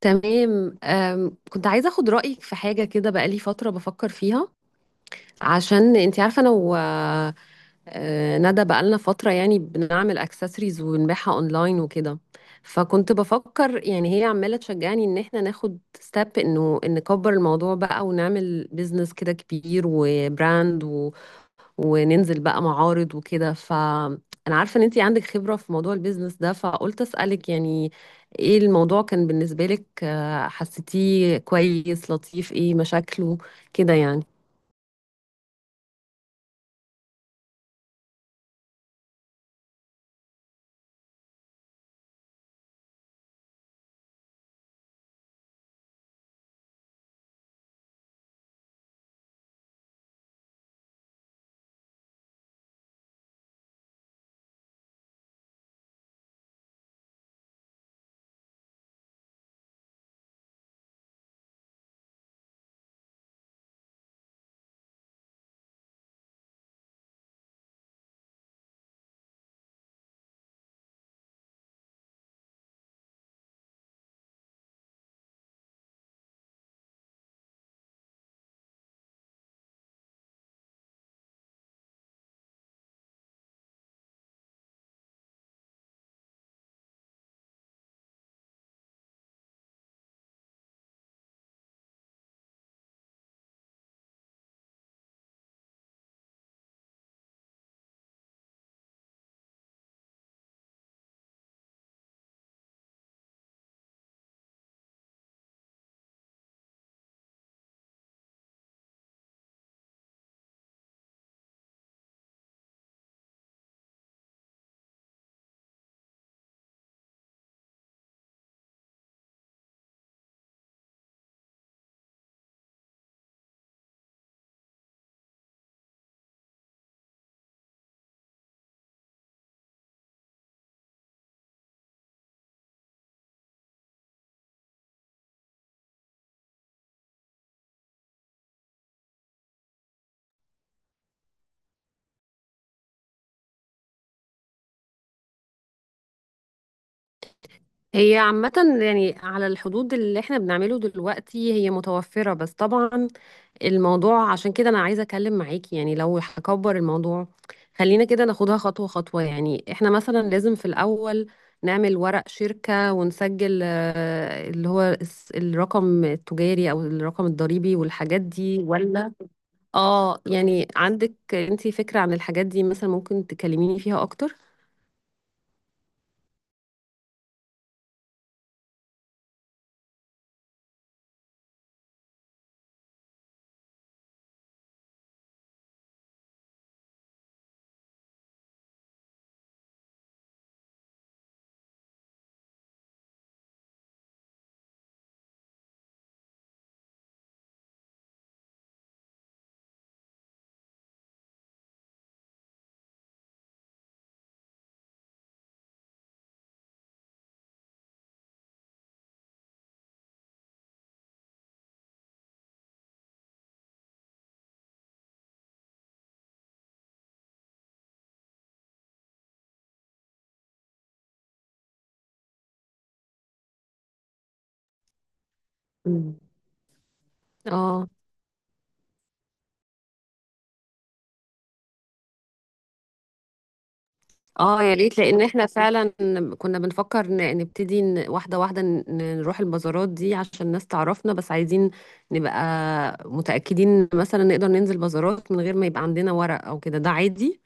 تمام. كنت عايزة أخد رأيك في حاجة كده، بقالي فترة بفكر فيها. عشان أنت عارفة أنا و آه، ندى بقالنا فترة يعني بنعمل أكسسوارز ونبيعها أونلاين وكده. فكنت بفكر، يعني هي عمالة تشجعني إن إحنا ناخد ستيب إنه إن نكبر الموضوع بقى ونعمل بيزنس كده كبير وبراند، وننزل بقى معارض وكده. فانا عارفة ان انتي عندك خبرة في موضوع البيزنس ده، فقلت اسألك يعني ايه الموضوع كان بالنسبة لك، حسيتيه كويس، لطيف، ايه مشاكله كده يعني. هي عامة يعني على الحدود اللي احنا بنعمله دلوقتي هي متوفرة، بس طبعا الموضوع عشان كده انا عايزة اتكلم معاكي، يعني لو هكبر الموضوع خلينا كده ناخدها خطوة خطوة. يعني احنا مثلا لازم في الاول نعمل ورق شركة ونسجل، الرقم التجاري او الرقم الضريبي والحاجات دي، ولا؟ اه. يعني عندك انتي فكرة عن الحاجات دي؟ مثلا ممكن تكلميني فيها اكتر. مم. اه، اه، يا ريت، لان احنا فعلا كنا بنفكر نبتدي واحده واحده، نروح البازارات دي عشان الناس تعرفنا، بس عايزين نبقى متاكدين إن مثلا نقدر ننزل بازارات من غير ما يبقى عندنا ورق او كده، ده عادي؟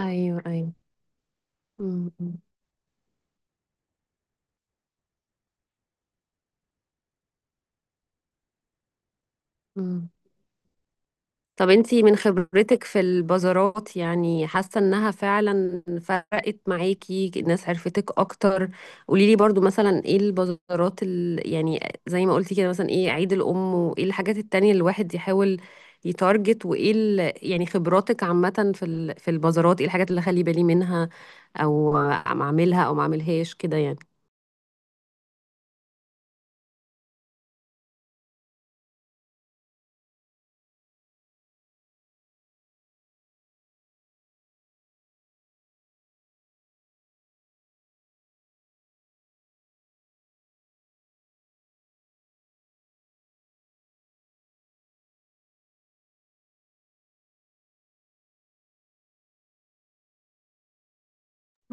ايوه، ايوه. امم. طب انتي من خبرتك في البازارات، يعني حاسة انها فعلا فرقت معاكي، الناس عرفتك اكتر؟ قوليلي برضو مثلا ايه البازارات يعني زي ما قلتي كده مثلا ايه، عيد الام وايه الحاجات التانية اللي الواحد يحاول يتارجت، وايه يعني خبراتك عامة في في البازارات، ايه الحاجات اللي اخلي بالي منها او ما اعملها او ما اعملهاش كده يعني.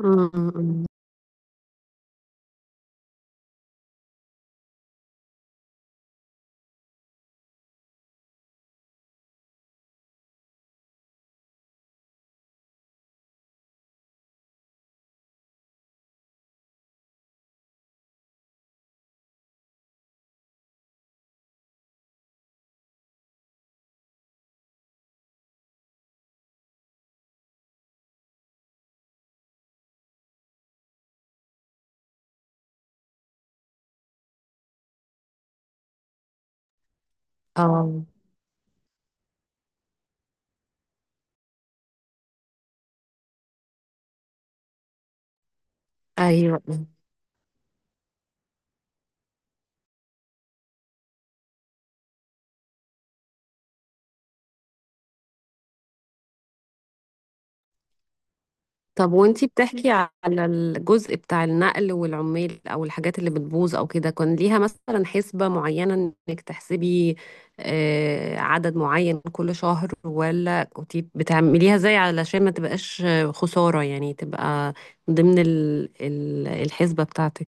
امم. اه. ايوه. طب وانتي بتحكي على الجزء بتاع النقل والعمال او الحاجات اللي بتبوظ او كده، كان ليها مثلا حسبة معينة انك تحسبي عدد معين كل شهر، ولا كنتي بتعمليها ازاي علشان ما تبقاش خسارة، يعني تبقى ضمن الحسبة بتاعتك؟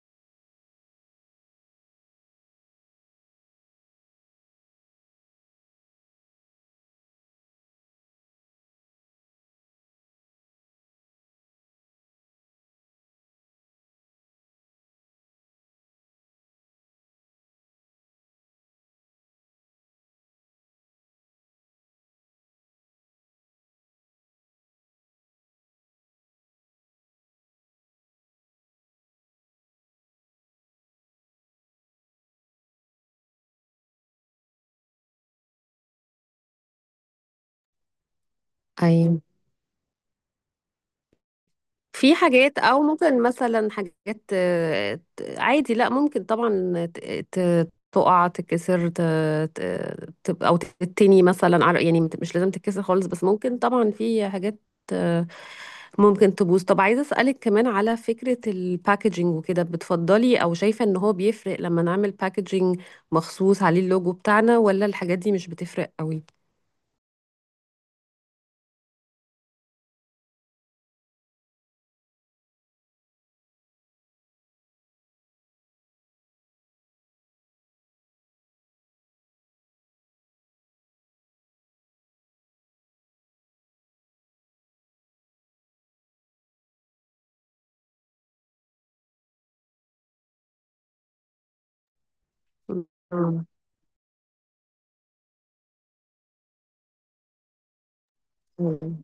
ايوه. في حاجات او ممكن مثلا حاجات، عادي لا، ممكن طبعا تقع تتكسر، تبقى او تتني مثلا يعني مش لازم تتكسر خالص، بس ممكن طبعا في حاجات، آه، ممكن تبوظ. طب عايزه اسالك كمان على فكره، الباكجينج وكده بتفضلي او شايفه ان هو بيفرق لما نعمل باكجينج مخصوص عليه اللوجو بتاعنا، ولا الحاجات دي مش بتفرق قوي؟ مم.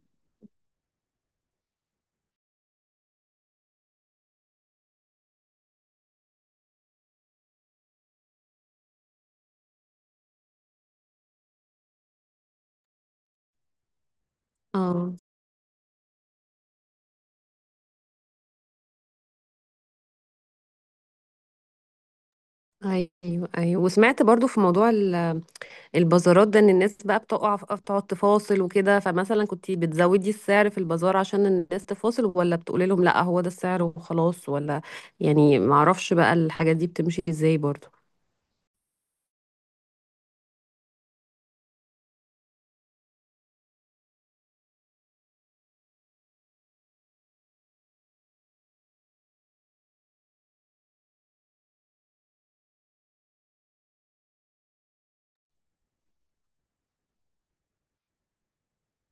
اه. ايوه، ايوه. وسمعت برضو في موضوع البازارات ده ان الناس بقى بتقع بتقعد تفاصل وكده، فمثلا كنت بتزودي السعر في البازار عشان الناس تفاصل، ولا بتقولي لهم لا هو ده السعر وخلاص، ولا يعني؟ معرفش بقى الحاجات دي بتمشي ازاي برضو.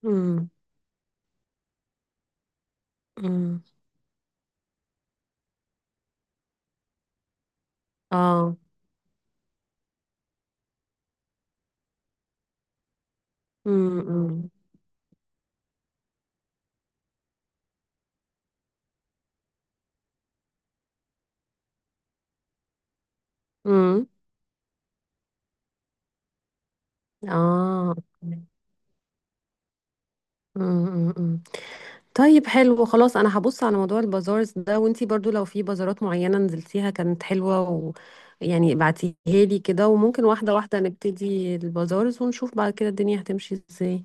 امم. امم. اه. امم. امم. اه. مم، مم. طيب، حلو، خلاص انا هبص على موضوع البازارز ده، وانتي برضو لو في بازارات معينة نزلتيها كانت حلوة، و يعني ابعتيها لي كده، وممكن واحدة واحدة نبتدي البازارز ونشوف بعد كده الدنيا هتمشي ازاي.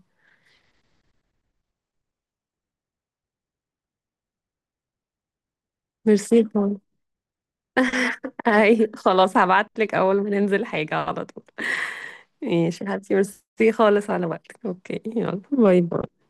ميرسي خالص. اي خلاص، هبعتلك اول ما ننزل حاجة على طول. ماشي يا حبيبتي، ميرسي خالص على وقتك، اوكي، يلا، باي باي.